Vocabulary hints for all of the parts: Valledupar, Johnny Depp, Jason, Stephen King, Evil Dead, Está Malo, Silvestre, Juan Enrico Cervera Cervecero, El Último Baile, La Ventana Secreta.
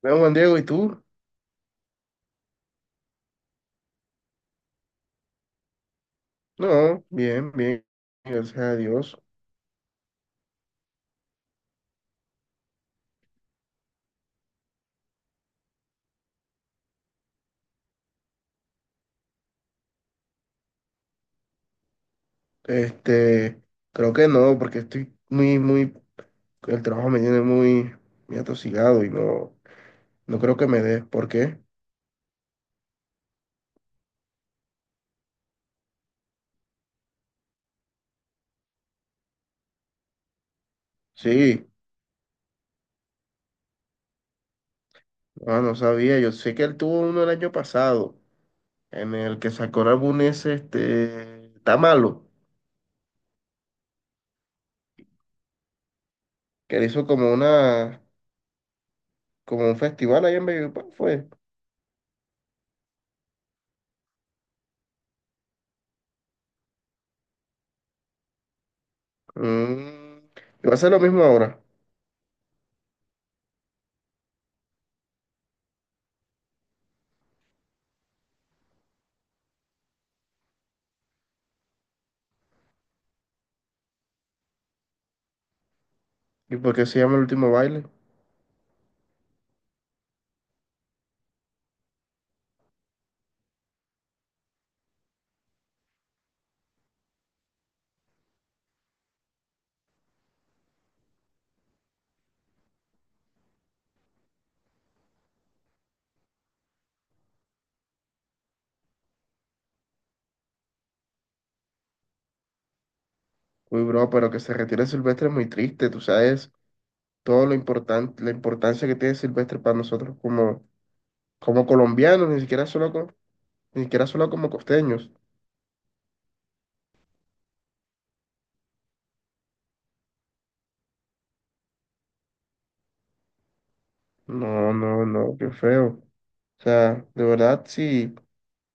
Bueno, Juan Diego, ¿y tú? No, bien, bien, gracias a Dios. Este, creo que no, porque el trabajo me tiene muy, muy atosigado y no, no creo que me dé. ¿Por qué? Sí, ah no sabía. Yo sé que él tuvo uno el año pasado, en el que sacó el álbum ese, este, Está Malo, que él hizo como un festival allá en Valledupar, fue. Mm, y va a ser lo mismo ahora. ¿Y por qué se llama El Último Baile? Uy, bro, pero que se retire Silvestre es muy triste, tú sabes todo lo importante, la importancia que tiene Silvestre para nosotros como colombianos, ni siquiera solo ni siquiera solo como costeños. No, no, no, qué feo. O sea, de verdad, si,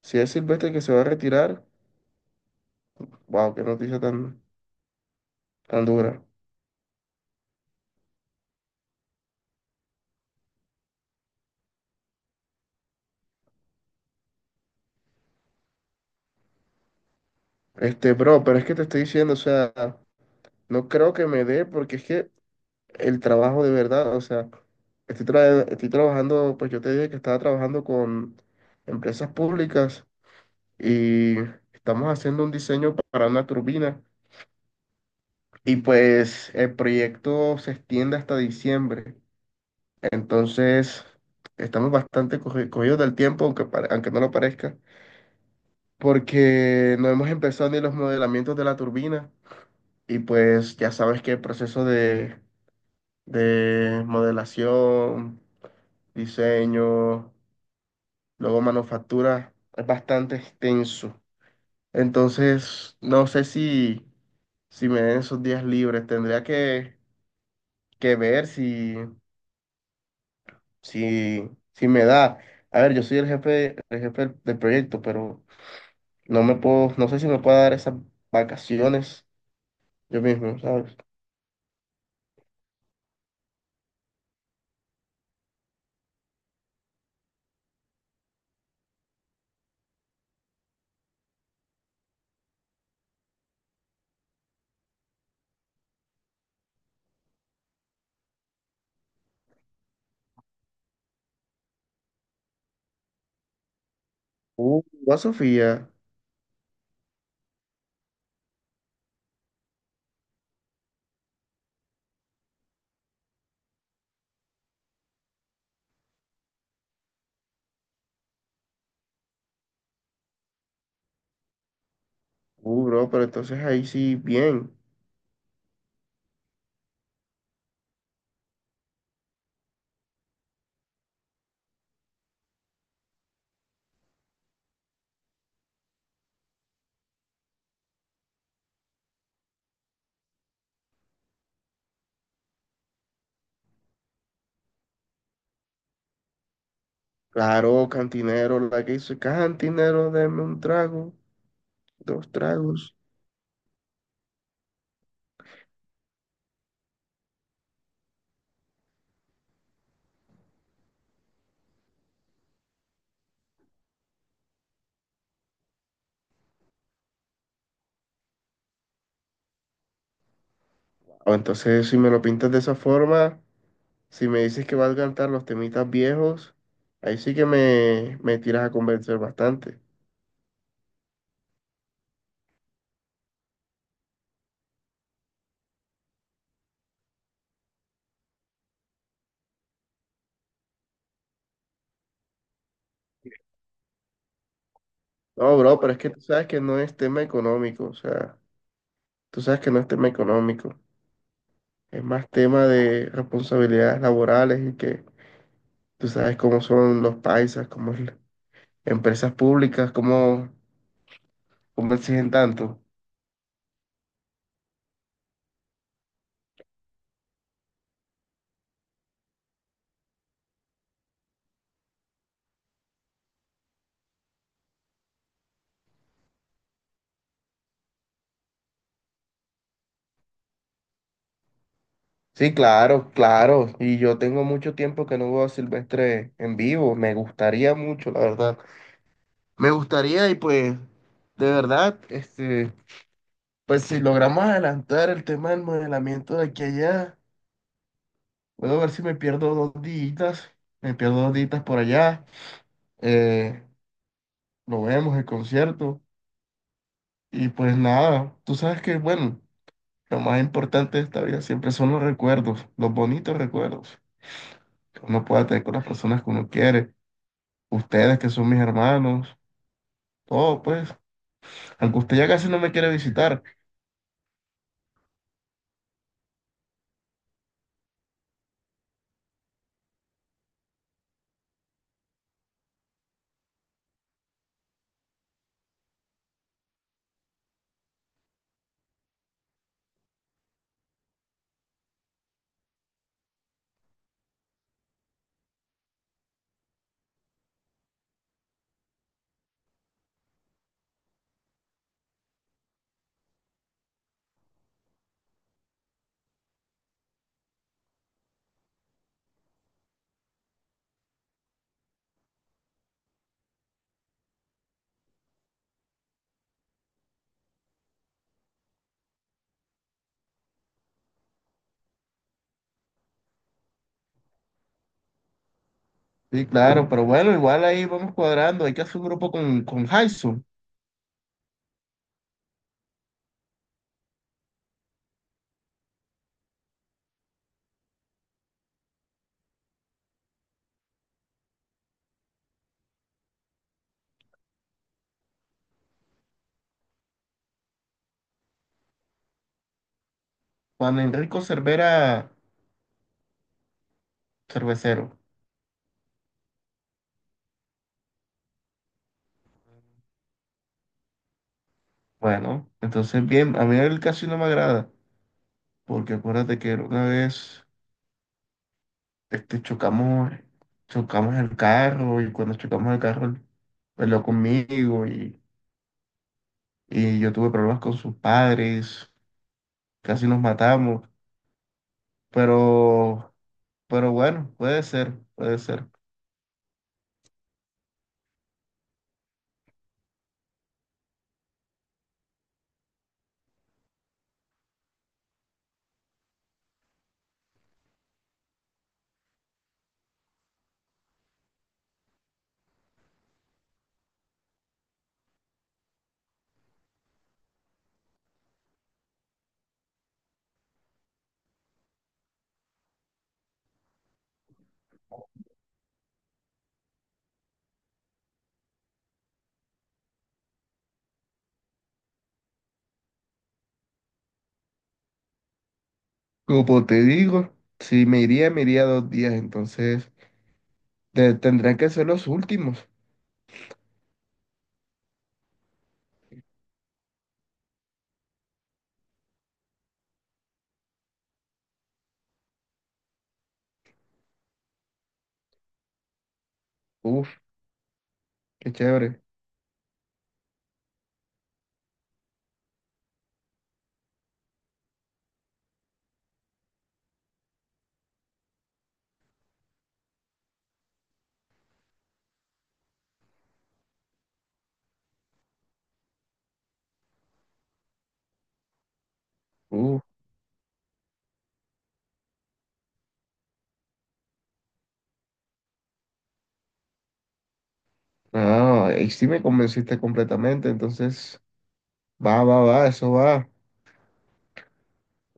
si es Silvestre que se va a retirar, wow, qué noticia tan, tan dura. Este, bro, pero es que te estoy diciendo, o sea, no creo que me dé, porque es que el trabajo de verdad, o sea, estoy trabajando, pues yo te dije que estaba trabajando con empresas públicas y estamos haciendo un diseño para una turbina y pues el proyecto se extiende hasta diciembre, entonces estamos bastante cogidos del tiempo, aunque, aunque no lo parezca, porque no hemos empezado ni los modelamientos de la turbina y pues ya sabes que el proceso de modelación, diseño, luego manufactura, es bastante extenso. Entonces, no sé si, si, me den esos días libres, tendría que ver si, si me da. A ver, yo soy el jefe del proyecto, pero no me puedo, no sé si me puedo dar esas vacaciones yo mismo, ¿sabes? Uh, a Sofía. Bro, pero entonces ahí sí, bien. Claro, cantinero, la que dice, cantinero, deme un trago, dos tragos. O entonces, si me lo pintas de esa forma, si me dices que vas a cantar los temitas viejos, ahí sí que me tiras a convencer bastante. No, bro, pero es que tú sabes que no es tema económico, o sea, tú sabes que no es tema económico, es más tema de responsabilidades laborales y que tú sabes cómo son los paisas, cómo es empresas públicas, cómo exigen tanto. Sí, claro, claro. Y yo tengo mucho tiempo que no veo a Silvestre en vivo. Me gustaría mucho, la verdad. Me gustaría y pues, de verdad, este, pues si logramos adelantar el tema del modelamiento de aquí a allá, puedo ver si me pierdo dos días, me pierdo dos días por allá. Eh, lo vemos, el concierto. Y pues nada, tú sabes que, bueno, lo más importante de esta vida siempre son los recuerdos, los bonitos recuerdos que uno pueda tener con las personas que uno quiere. Ustedes que son mis hermanos, todo pues, aunque usted ya casi no me quiere visitar. Sí, claro, pero bueno, igual ahí vamos cuadrando, hay que hacer un grupo con Jason, Juan Enrico Cervera Cervecero. Bueno, entonces bien, a mí él casi no me agrada, porque acuérdate que una vez este, chocamos el carro y cuando chocamos el carro, él peleó conmigo y yo tuve problemas con sus padres, casi nos matamos, pero... Pero bueno, puede ser, puede ser. Como te digo, si me iría, me iría dos días, entonces tendrán que ser los últimos. Uf, qué chévere. Uf, no, ahí sí me convenciste completamente, entonces va, va, va, eso va.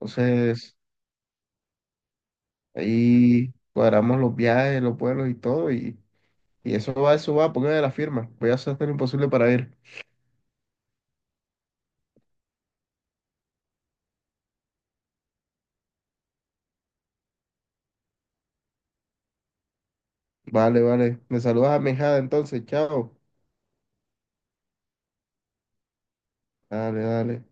Entonces ahí cuadramos los viajes, los vuelos y todo, y eso va, póngame la firma. Voy a hacer todo lo imposible para ir. Vale, vale. Me saludas a mi hijada entonces, chao. Dale, dale.